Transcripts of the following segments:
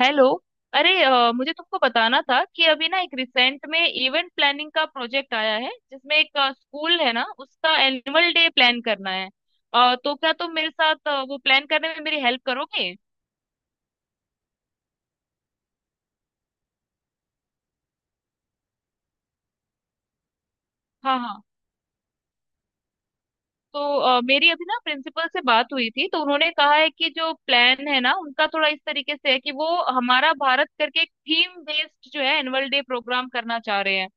Hello. अरे मुझे तुमको बताना था कि अभी ना एक रिसेंट में इवेंट प्लानिंग का प्रोजेक्ट आया है जिसमें एक स्कूल है ना उसका एनुअल डे प्लान करना है। तो क्या तुम मेरे साथ वो प्लान करने में मेरी हेल्प करोगे? हाँ हाँ। तो मेरी अभी ना प्रिंसिपल से बात हुई थी तो उन्होंने कहा है कि जो प्लान है ना उनका थोड़ा इस तरीके से है कि वो हमारा भारत करके एक थीम बेस्ड जो है एनुअल डे प्रोग्राम करना चाह रहे हैं।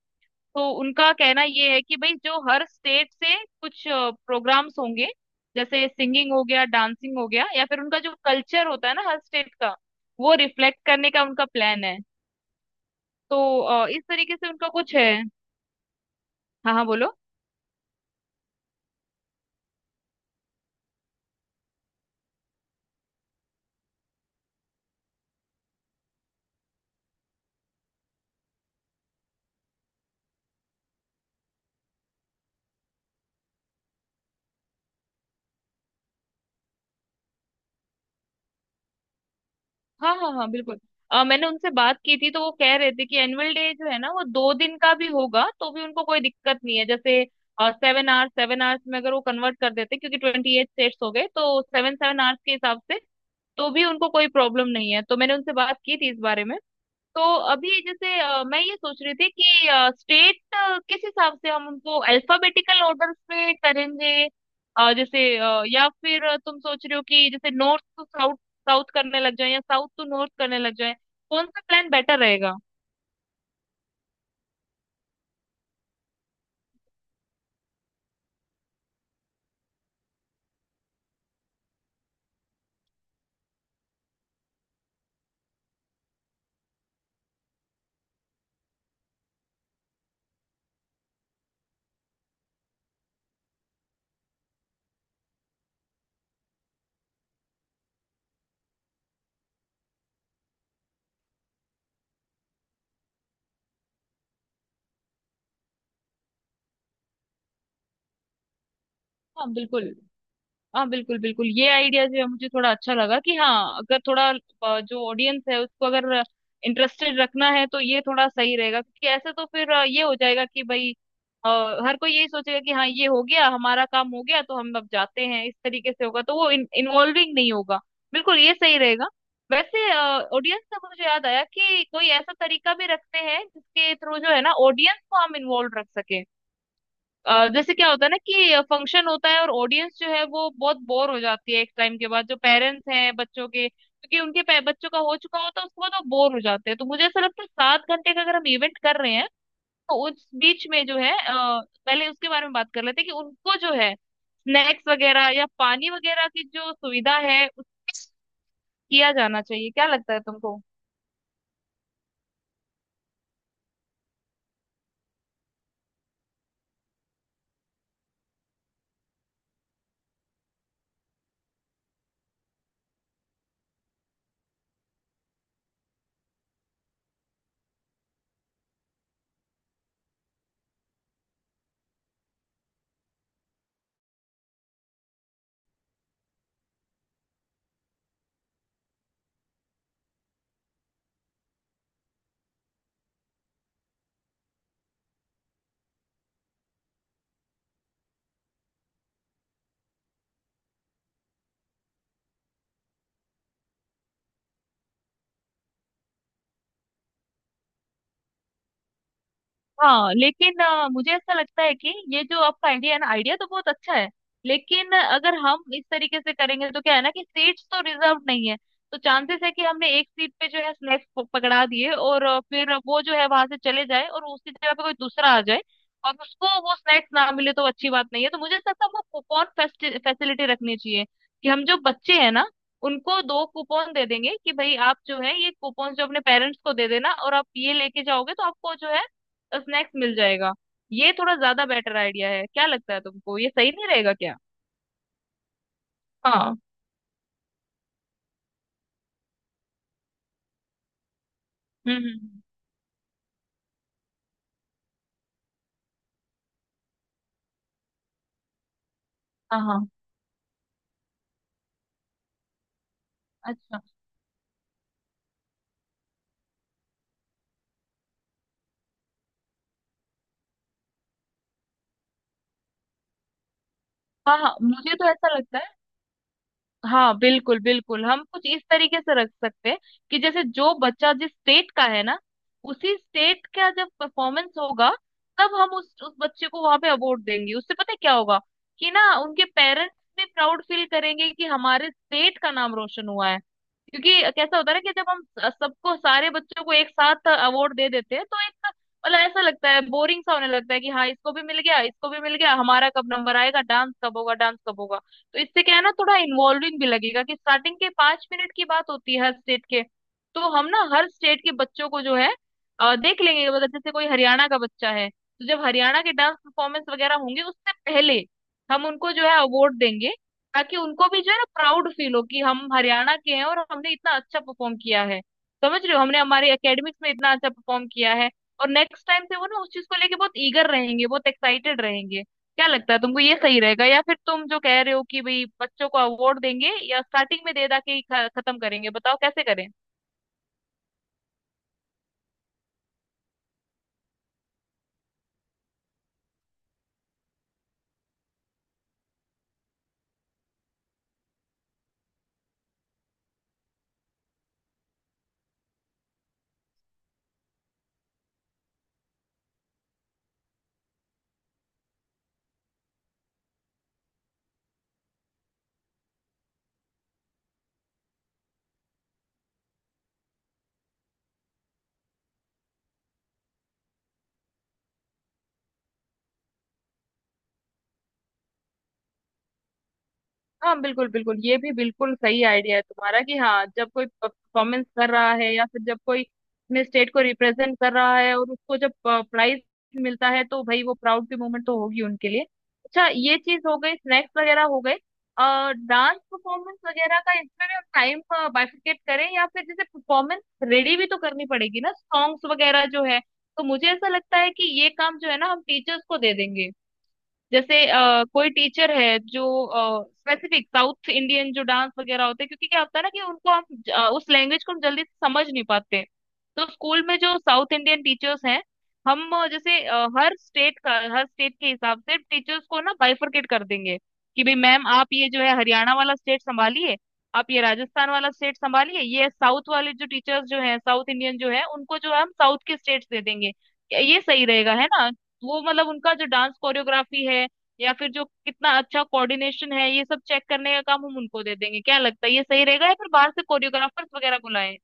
तो उनका कहना ये है कि भाई जो हर स्टेट से कुछ प्रोग्राम्स होंगे, जैसे सिंगिंग हो गया डांसिंग हो गया या फिर उनका जो कल्चर होता है ना हर स्टेट का वो रिफ्लेक्ट करने का उनका प्लान है। तो इस तरीके से उनका कुछ है। हाँ हाँ बोलो। हाँ हाँ हाँ बिल्कुल। मैंने उनसे बात की थी तो वो कह रहे थे कि एनुअल डे जो है ना वो 2 दिन का भी होगा तो भी उनको कोई दिक्कत नहीं है, जैसे 7 आवर्स 7 आवर्स में अगर वो कन्वर्ट कर देते क्योंकि 28 स्टेट्स हो गए तो सेवन सेवन आवर्स के हिसाब से तो भी उनको कोई प्रॉब्लम नहीं है। तो मैंने उनसे बात की थी इस बारे में। तो अभी जैसे मैं ये सोच रही थी कि स्टेट किस हिसाब से हम उनको अल्फाबेटिकल ऑर्डर में करेंगे। जैसे या फिर तुम सोच रहे हो कि जैसे नॉर्थ टू साउथ साउथ करने लग जाए या साउथ टू नॉर्थ करने लग जाए? कौन सा प्लान बेटर रहेगा? हाँ बिल्कुल। हाँ बिल्कुल बिल्कुल ये आइडिया जो है मुझे थोड़ा अच्छा लगा कि हाँ अगर थोड़ा जो ऑडियंस है उसको अगर इंटरेस्टेड रखना है तो ये थोड़ा सही रहेगा क्योंकि ऐसे तो फिर ये हो जाएगा कि भाई अ, हर कोई यही सोचेगा कि हाँ ये हो गया हमारा काम हो गया तो हम अब जाते हैं, इस तरीके से होगा तो वो इन्वॉल्विंग नहीं होगा। बिल्कुल ये सही रहेगा। वैसे ऑडियंस से मुझे याद आया कि कोई ऐसा तरीका भी रखते हैं जिसके थ्रू जो है ना ऑडियंस को हम इन्वॉल्व रख सके जैसे क्या होता है ना कि फंक्शन होता है और ऑडियंस जो है वो बहुत बोर हो जाती है एक टाइम के बाद, जो पेरेंट्स हैं बच्चों के, क्योंकि उनके बच्चों का हो चुका होता है, उसके बाद वो बोर हो जाते हैं। तो मुझे ऐसा लगता है 7 घंटे का अगर हम इवेंट कर रहे हैं तो उस बीच में जो है पहले उसके बारे में बात कर लेते हैं कि उनको जो है स्नैक्स वगैरह या पानी वगैरह की जो सुविधा है उसकी किया जाना चाहिए, क्या लगता है तुमको? हाँ लेकिन मुझे ऐसा लगता है कि ये जो आपका आइडिया है ना, आइडिया तो बहुत अच्छा है लेकिन अगर हम इस तरीके से करेंगे तो क्या है ना कि सीट्स तो रिजर्व नहीं है। तो चांसेस है कि हमने एक सीट पे जो है स्नैक्स पकड़ा दिए और फिर वो जो है वहां से चले जाए और उसकी जगह पे कोई दूसरा आ जाए और उसको वो स्नैक्स ना मिले तो अच्छी बात नहीं है। तो मुझे ऐसा लगता है हमको कूपन फैसिलिटी रखनी चाहिए कि हम जो बच्चे हैं ना उनको दो कूपन दे देंगे कि भाई आप जो है ये कूपन जो अपने पेरेंट्स को दे देना और आप ये लेके जाओगे तो आपको जो है स्नैक्स मिल जाएगा। ये थोड़ा ज्यादा बेटर आइडिया है, क्या लगता है तुमको, ये सही नहीं रहेगा क्या? हाँ। हम्म हम्म, हम्म, हाँ हाँ। अच्छा। हाँ हाँ मुझे तो ऐसा लगता है। हाँ बिल्कुल बिल्कुल हम कुछ इस तरीके से रख सकते हैं कि जैसे जो बच्चा जिस स्टेट का है ना उसी स्टेट का जब परफॉर्मेंस होगा तब हम उस बच्चे को वहां पे अवार्ड देंगे। उससे पता है क्या होगा कि ना उनके पेरेंट्स भी प्राउड फील करेंगे कि हमारे स्टेट का नाम रोशन हुआ है। क्योंकि कैसा होता है ना कि जब हम सबको सारे बच्चों को एक साथ अवार्ड दे देते हैं तो एक मतलब ऐसा लगता है बोरिंग सा होने लगता है कि हाँ इसको भी मिल गया इसको भी मिल गया, हमारा कब नंबर आएगा, डांस कब होगा डांस कब होगा। तो इससे क्या है ना थोड़ा इन्वॉल्विंग भी लगेगा कि स्टार्टिंग के 5 मिनट की बात होती है हर स्टेट के। तो हम ना हर स्टेट के बच्चों को जो है देख लेंगे, मतलब जैसे कोई हरियाणा का बच्चा है तो जब हरियाणा के डांस परफॉर्मेंस वगैरह होंगे उससे पहले हम उनको जो है अवार्ड देंगे ताकि उनको भी जो है ना प्राउड फील हो कि हम हरियाणा के हैं और हमने इतना अच्छा परफॉर्म किया है। समझ रहे हो, हमने हमारे एकेडमिक्स में इतना अच्छा परफॉर्म किया है और नेक्स्ट टाइम से वो ना उस चीज को लेके बहुत ईगर रहेंगे बहुत एक्साइटेड रहेंगे। क्या लगता है तुमको ये सही रहेगा या फिर तुम जो कह रहे हो कि भाई बच्चों को अवार्ड देंगे या स्टार्टिंग में दे दा के ही खत्म करेंगे, बताओ कैसे करें? हाँ बिल्कुल बिल्कुल ये भी बिल्कुल सही आइडिया है तुम्हारा कि हाँ जब कोई परफॉर्मेंस कर रहा है या फिर जब कोई अपने स्टेट को रिप्रेजेंट कर रहा है और उसको जब प्राइज मिलता है तो भाई वो प्राउड की मोमेंट तो होगी उनके लिए। अच्छा ये चीज हो गई, स्नैक्स वगैरह हो गए। डांस परफॉर्मेंस वगैरह का इसमें भी हम टाइम बाइफिकेट करें, या फिर जैसे परफॉर्मेंस रेडी भी तो करनी पड़ेगी ना सॉन्ग्स वगैरह जो है, तो मुझे ऐसा लगता है कि ये काम जो है ना हम टीचर्स को दे देंगे। जैसे कोई टीचर है जो स्पेसिफिक साउथ इंडियन जो डांस वगैरह होते हैं, क्योंकि क्या होता है ना कि उनको हम उस लैंग्वेज को हम जल्दी से समझ नहीं पाते हैं। तो स्कूल में जो साउथ इंडियन टीचर्स हैं हम जैसे हर स्टेट का हर स्टेट के हिसाब से टीचर्स को ना बाइफरकेट कर देंगे कि भाई मैम आप ये जो है हरियाणा वाला स्टेट संभालिए, आप ये राजस्थान वाला स्टेट संभालिए, ये साउथ वाले जो टीचर्स जो हैं साउथ इंडियन जो है उनको जो हम साउथ के स्टेट्स दे देंगे, ये सही रहेगा है ना। वो मतलब उनका जो डांस कोरियोग्राफी है या फिर जो कितना अच्छा कोऑर्डिनेशन है ये सब चेक करने का काम हम उनको दे देंगे। क्या लगता है ये सही रहेगा या फिर बाहर से कोरियोग्राफर्स वगैरह बुलाएं?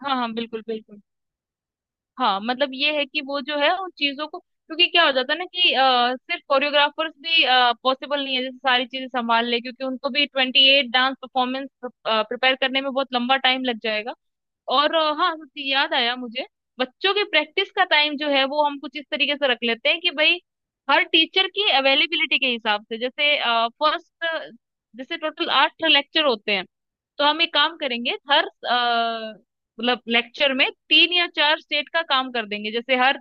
हाँ हाँ बिल्कुल बिल्कुल। हाँ मतलब ये है कि वो जो है उन चीजों को, क्योंकि क्या हो जाता है ना कि सिर्फ कोरियोग्राफर्स भी पॉसिबल नहीं है जैसे सारी चीजें संभाल ले, क्योंकि उनको भी 28 डांस परफॉर्मेंस प्रिपेयर करने में बहुत लंबा टाइम लग जाएगा। और हाँ सच्ची याद आया मुझे, बच्चों की प्रैक्टिस का टाइम जो है वो हम कुछ इस तरीके से रख लेते हैं कि भाई हर टीचर की अवेलेबिलिटी के हिसाब से, जैसे फर्स्ट जैसे टोटल आठ लेक्चर होते हैं तो हम एक काम करेंगे हर मतलब लेक्चर में तीन या चार स्टेट का काम कर देंगे, जैसे हर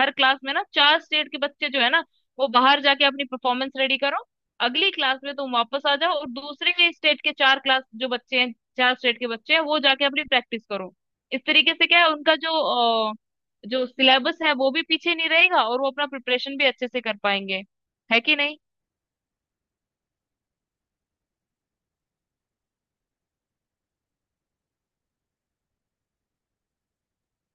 हर क्लास में ना चार स्टेट के बच्चे जो है ना वो बाहर जाके अपनी परफॉर्मेंस रेडी करो, अगली क्लास में तुम वापस आ जाओ और दूसरे के स्टेट के चार क्लास जो बच्चे हैं चार स्टेट के बच्चे हैं वो जाके अपनी प्रैक्टिस करो। इस तरीके से क्या है उनका जो अ, जो सिलेबस है वो भी पीछे नहीं रहेगा और वो अपना प्रिपरेशन भी अच्छे से कर पाएंगे, है कि नहीं?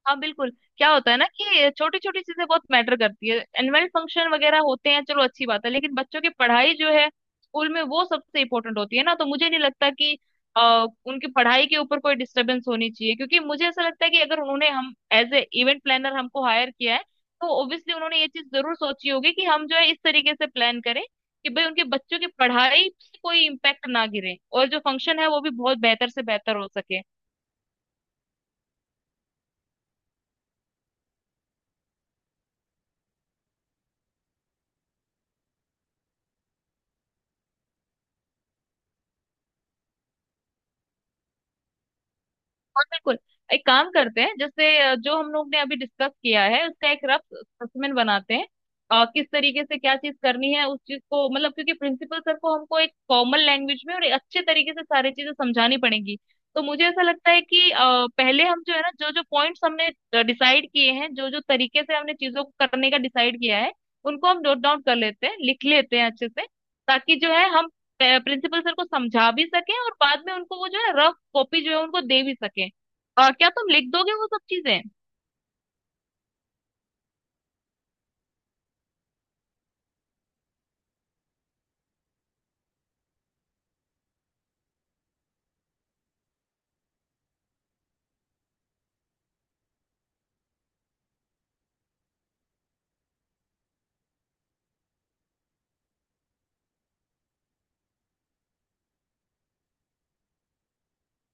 हाँ बिल्कुल। क्या होता है ना कि छोटी छोटी चीजें बहुत मैटर करती है एनुअल फंक्शन वगैरह होते हैं, चलो अच्छी बात है, लेकिन बच्चों की पढ़ाई जो है स्कूल में वो सबसे इम्पोर्टेंट होती है ना। तो मुझे नहीं लगता कि उनकी पढ़ाई के ऊपर कोई डिस्टरबेंस होनी चाहिए, क्योंकि मुझे ऐसा लगता है कि अगर उन्होंने हम एज ए इवेंट प्लानर हमको हायर किया है तो ऑब्वियसली उन्होंने ये चीज जरूर सोची होगी कि हम जो है इस तरीके से प्लान करें कि भाई उनके बच्चों की पढ़ाई पे कोई इम्पैक्ट ना गिरे और जो फंक्शन है वो भी बहुत बेहतर से बेहतर हो सके। और बिल्कुल एक काम करते हैं, जैसे जो हम लोग ने अभी डिस्कस किया है उसका एक रफ स्पेसिमेन बनाते हैं। किस तरीके से क्या चीज करनी है उस चीज को, मतलब क्योंकि प्रिंसिपल सर को हमको एक कॉमन लैंग्वेज में और एक अच्छे तरीके से सारी चीजें समझानी पड़ेंगी। तो मुझे ऐसा लगता है कि पहले हम जो है ना जो जो पॉइंट्स हमने डिसाइड किए हैं, जो जो तरीके से हमने चीजों को करने का डिसाइड किया है, उनको हम नोट डाउन कर लेते हैं, लिख लेते हैं अच्छे से, ताकि जो है हम प्रिंसिपल सर को समझा भी सकें और बाद में उनको वो जो है रफ कॉपी जो है उनको दे भी सकें। क्या तुम लिख दोगे वो सब चीजें?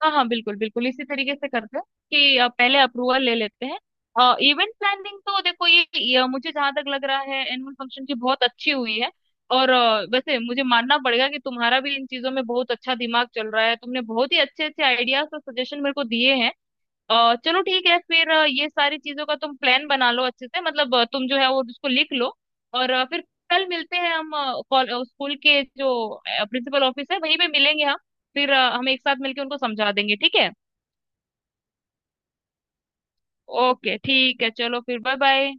हाँ हाँ बिल्कुल बिल्कुल इसी तरीके से करते हैं कि पहले अप्रूवल ले लेते हैं। इवेंट प्लानिंग तो देखो ये मुझे जहां तक लग रहा है एनुअल फंक्शन की बहुत अच्छी हुई है। और वैसे मुझे मानना पड़ेगा कि तुम्हारा भी इन चीजों में बहुत अच्छा दिमाग चल रहा है, तुमने बहुत ही अच्छे अच्छे आइडियाज और सजेशन मेरे को दिए हैं। चलो ठीक है, फिर ये सारी चीजों का तुम प्लान बना लो अच्छे से, मतलब तुम जो है वो उसको लिख लो। और फिर कल मिलते हैं हम, स्कूल के जो प्रिंसिपल ऑफिस है वहीं पे मिलेंगे हम। फिर हम एक साथ मिलके उनको समझा देंगे, ठीक है? ओके ठीक है, चलो फिर बाय बाय।